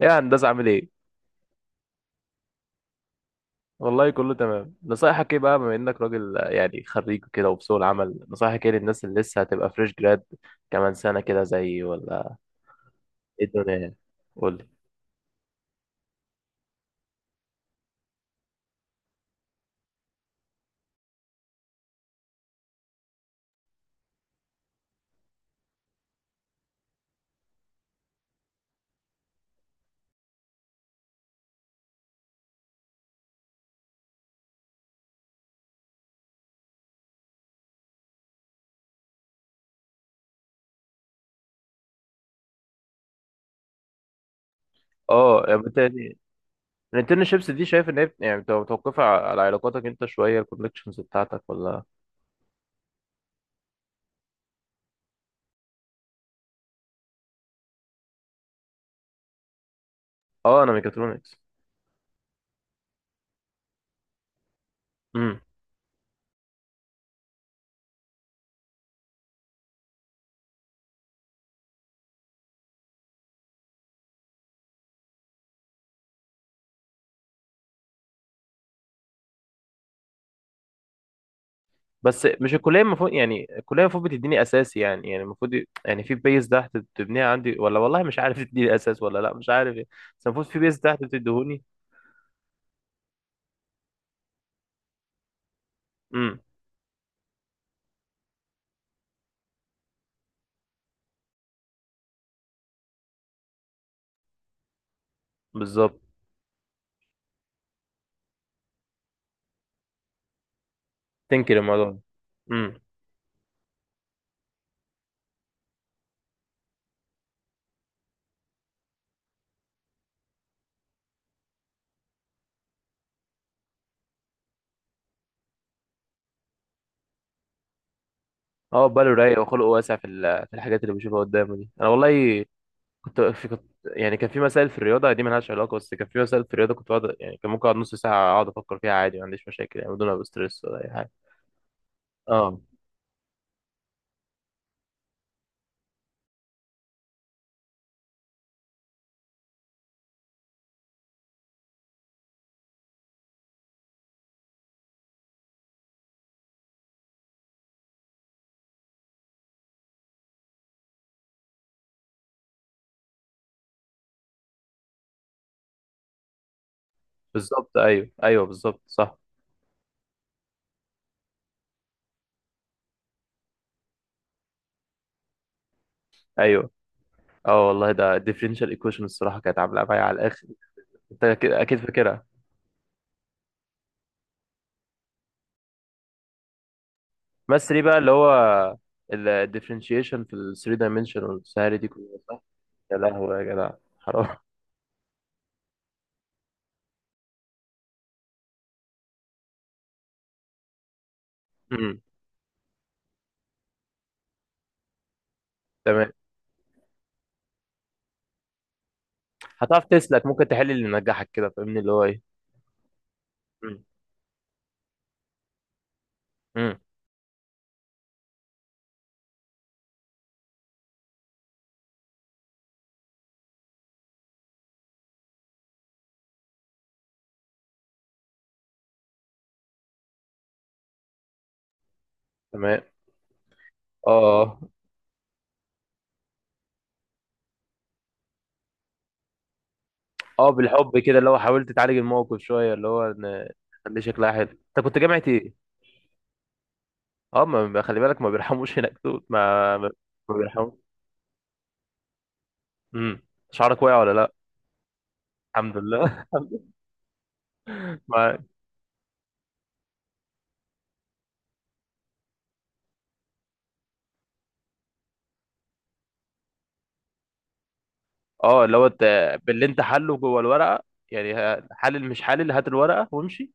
ايه يا هندسة، عامل ايه؟ والله كله تمام. نصايحك ايه بقى، بما انك راجل، يعني خريج كده وفي سوق العمل، نصايحك ايه للناس اللي لسه هتبقى فريش جراد كمان سنة كده زيي ولا ايه الدنيا يعني؟ قول لي. اه، يعني بالتالي الانترنشيبس دي، شايف ان هي يعني بتبقى متوقفة على علاقاتك انت، شوية الكونكشنز بتاعتك ولا؟ اه انا ميكاترونكس. امم. بس مش الكلية المفروض؟ يعني الكلية المفروض بتديني اساسي، يعني يعني المفروض يعني في بيز تحت بتبنيها عندي ولا والله مش عارف تديني اساس ولا لا مش عارف يعني. بس المفروض في بيز تحت بتديهوني. بالظبط، تنكر الموضوع ده. امم. اه، باله رايق وخلقه واسع في في الحاجات اللي بشوفها قدامه دي. انا والله كنت في، كنت يعني كان في مسائل في الرياضه دي مالهاش علاقه، بس كان في مسائل في الرياضه كنت بقعد، يعني كان ممكن اقعد نص ساعه اقعد افكر فيها عادي، ما عنديش مشاكل يعني، بدون ما ابقى ستريس ولا اي حاجه. اه، بالظبط. ايوه، ايوه، بالظبط، صح. ايوه. اه والله، ده الديفرنشال ايكويشن الصراحه كانت عامله معايا على الاخر. انت اكيد، أكيد فاكرها. بس دي بقى اللي هو الديفرنشيشن في ال 3 dimensional والسهالة دي كلها، صح. يا لهوي يا جدع، حرام. امم. تمام. هتعرف تسلك، ممكن تحل اللي نجحك كده، فاهمني اللي هو ايه. امم. امم. تمام. اه. اه، بالحب كده اللي هو حاولت تعالج الموقف شويه اللي هو ان خليه شكلها حلو. انت كنت جامعه ايه؟ اه، خلي بالك، ما بيرحموش هناك دول، ما. ما بيرحموش. امم. شعرك واقع ولا لا؟ الحمد لله الحمد لله معاك. اه اللي هو انت باللي انت حله جوه الورقه، يعني حلل مش حلل، هات الورقه وامشي،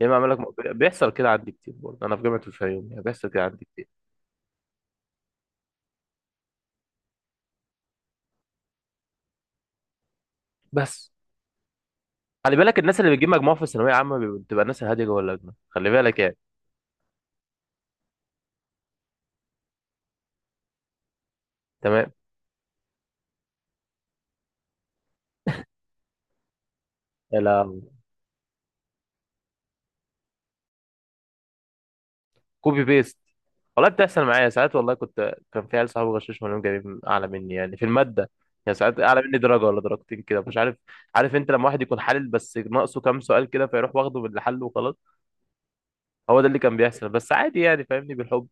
يا اما اعمل لك. بيحصل كده عندي كتير برضه انا في جامعه الفيوم، يعني بيحصل كده عندي كتير. بس خلي بالك، الناس اللي بتجيب مجموع في الثانويه عامه بتبقى الناس الهاديه جوه اللجنه، خلي بالك يعني. تمام. يا لهوي. كوبي بيست. والله بتحصل معايا ساعات، والله كنت، كان في عيال صحابي غشاش، منهم جايبين اعلى مني يعني في الماده، يعني ساعات اعلى مني درجه ولا درجتين كده مش عارف. عارف انت لما واحد يكون حالل بس ناقصه كام سؤال كده، فيروح واخده باللي حله وخلاص. هو ده اللي كان بيحصل، بس عادي يعني فاهمني، بالحب.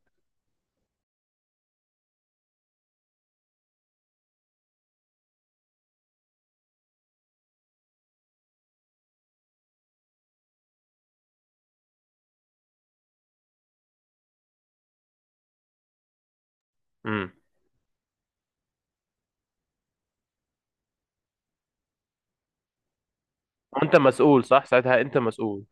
امم. وانت مسؤول، صح؟ ساعتها انت مسؤول.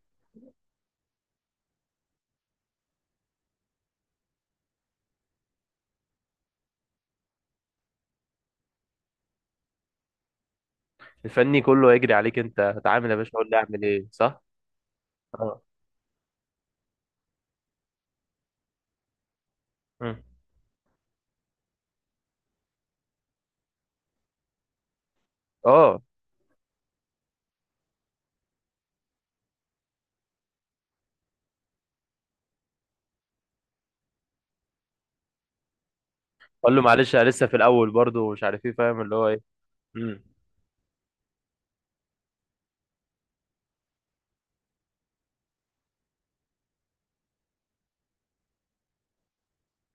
الفني كله هيجري عليك، انت هتعامل يا باشا قول لي اعمل ايه، صح. اه. مم. اه، اقول له معلش انا لسه في الاول برضه ومش عارف ايه، فاهم اللي هو ايه. امم.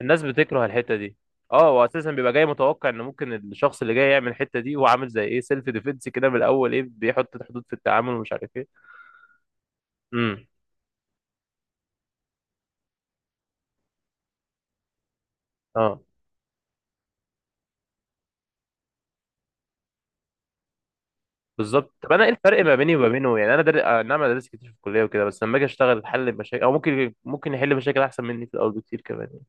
الناس بتكره الحته دي. اه، هو اساسا بيبقى جاي متوقع ان ممكن الشخص اللي جاي يعمل الحته دي، هو عامل زي ايه سيلف ديفenس كده من الاول، ايه بيحط حدود في التعامل ومش عارف ايه. امم. اه، بالظبط. طب انا ايه الفرق ما بيني وما بينه يعني؟ انا در... آه، نعم، انا درست كتير في الكليه وكده، بس لما اجي اشتغل احل مشاكل، او ممكن يحل مشاكل احسن مني في الاول بكتير كمان يعني.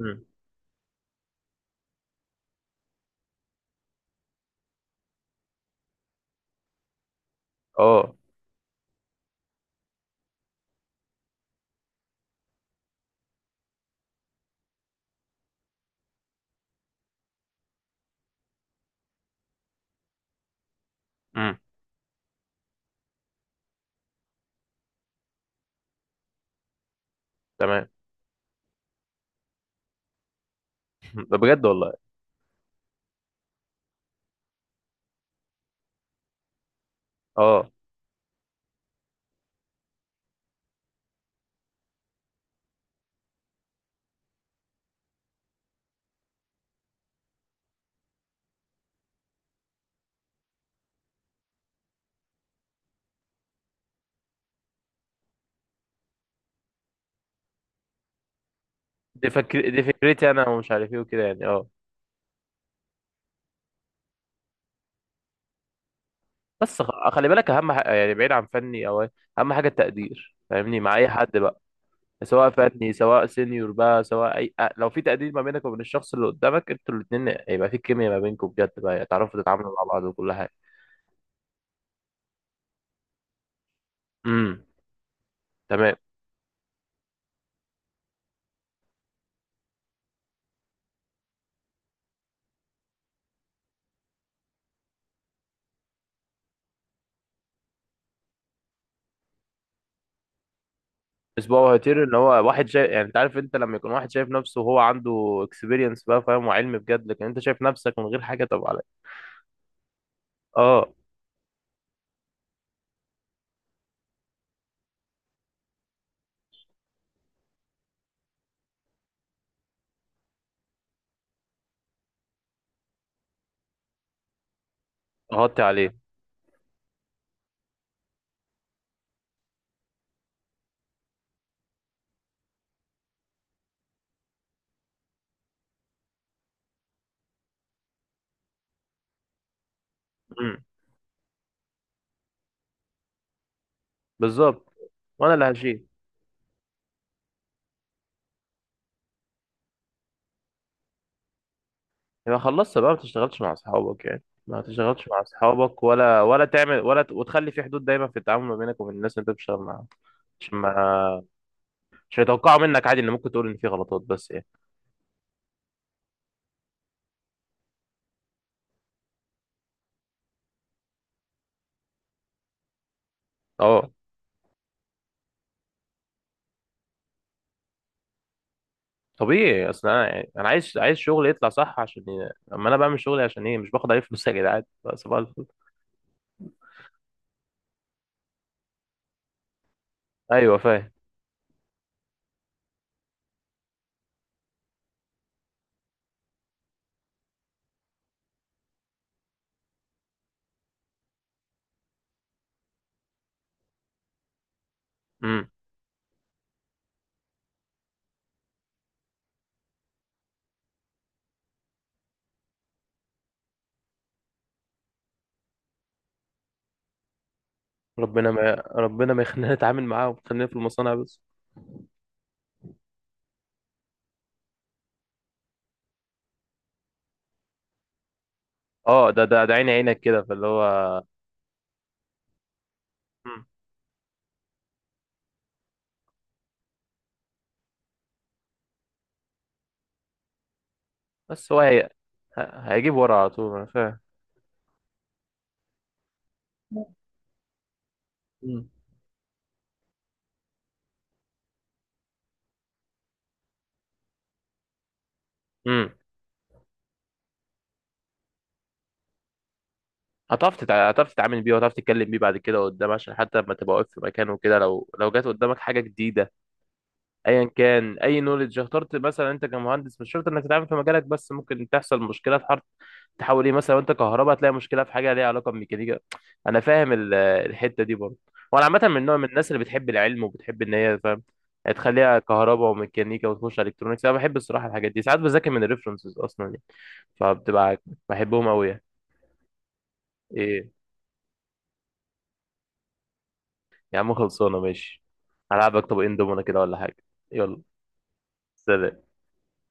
امم. اه. امم. تمام. مم. ده بجد والله. اه، دي فكرتي انا، ومش عارف ايه وكده يعني. اه. بس خلي بالك، اهم حاجة يعني بعيد عن فني او اهم حاجه التقدير، فاهمني، مع اي حد بقى. سواء فني، سواء سينيور بقى، سواء لو في تقدير ما بينك وبين الشخص اللي قدامك، انتوا الاثنين هيبقى في كيمياء ما بينكم بجد، بقى تعرفوا تتعاملوا مع بعض وكل حاجه. امم. تمام. اسبوع هيطير، ان هو واحد شايف يعني. انت عارف، انت لما يكون واحد شايف نفسه وهو عنده اكسبيرينس بقى، فاهم وعلم بجد، لكن انت شايف نفسك من غير حاجه، طب عليك. اه. غطي عليه. امم. بالظبط. وانا اللي هشيل. يبقى خلصت بقى، ما تشتغلش مع اصحابك، يعني ما تشتغلش مع اصحابك ولا ولا تعمل ولا وتخلي في حدود دايما في التعامل ما بينك وبين الناس اللي انت بتشتغل معاهم. عشان ما، مش هيتوقعوا منك عادي ان ممكن تقول ان في غلطات بس يعني. اه، طبيعي. اصل انا يعني انا عايز، عايز شغلي يطلع صح، عشان اما انا بعمل شغلي عشان ايه؟ مش باخد عليه فلوس يا جدعان. صباح الفل. ايوه فاهم. امم. ربنا ما يخلينا نتعامل معاهم، خلينا في المصانع بس. اه، ده عيني عينك كده، فاللي هو. مم. بس هيجيب ورا على طول، انا فاهم. مم. امم. هتعرف تتعامل بيه، وهتعرف تتكلم بيه بعد كده قدام، عشان حتى لما تبقى واقف في مكان وكده، لو جات قدامك حاجه جديده، ايا كان اي نولج اخترت مثلا. انت كمهندس مش شرط انك تتعامل في مجالك بس، ممكن تحصل مشكله في حرف تحاول ايه مثلا، وانت كهرباء تلاقي مشكله في حاجه ليها علاقه بميكانيكا. انا فاهم الحته دي برضه، وانا عامه من نوع من الناس اللي بتحب العلم وبتحب ان هي فاهم تخليها كهرباء وميكانيكا وتخش الكترونكس. انا بحب الصراحه الحاجات دي، ساعات بذاكر من الريفرنسز اصلا يعني. فبتبقى، بحبهم قوي يعني. ايه يا عم، خلصانه، ماشي. هلعبك طبقين دومنا كده ولا حاجه؟ يلا. سلام.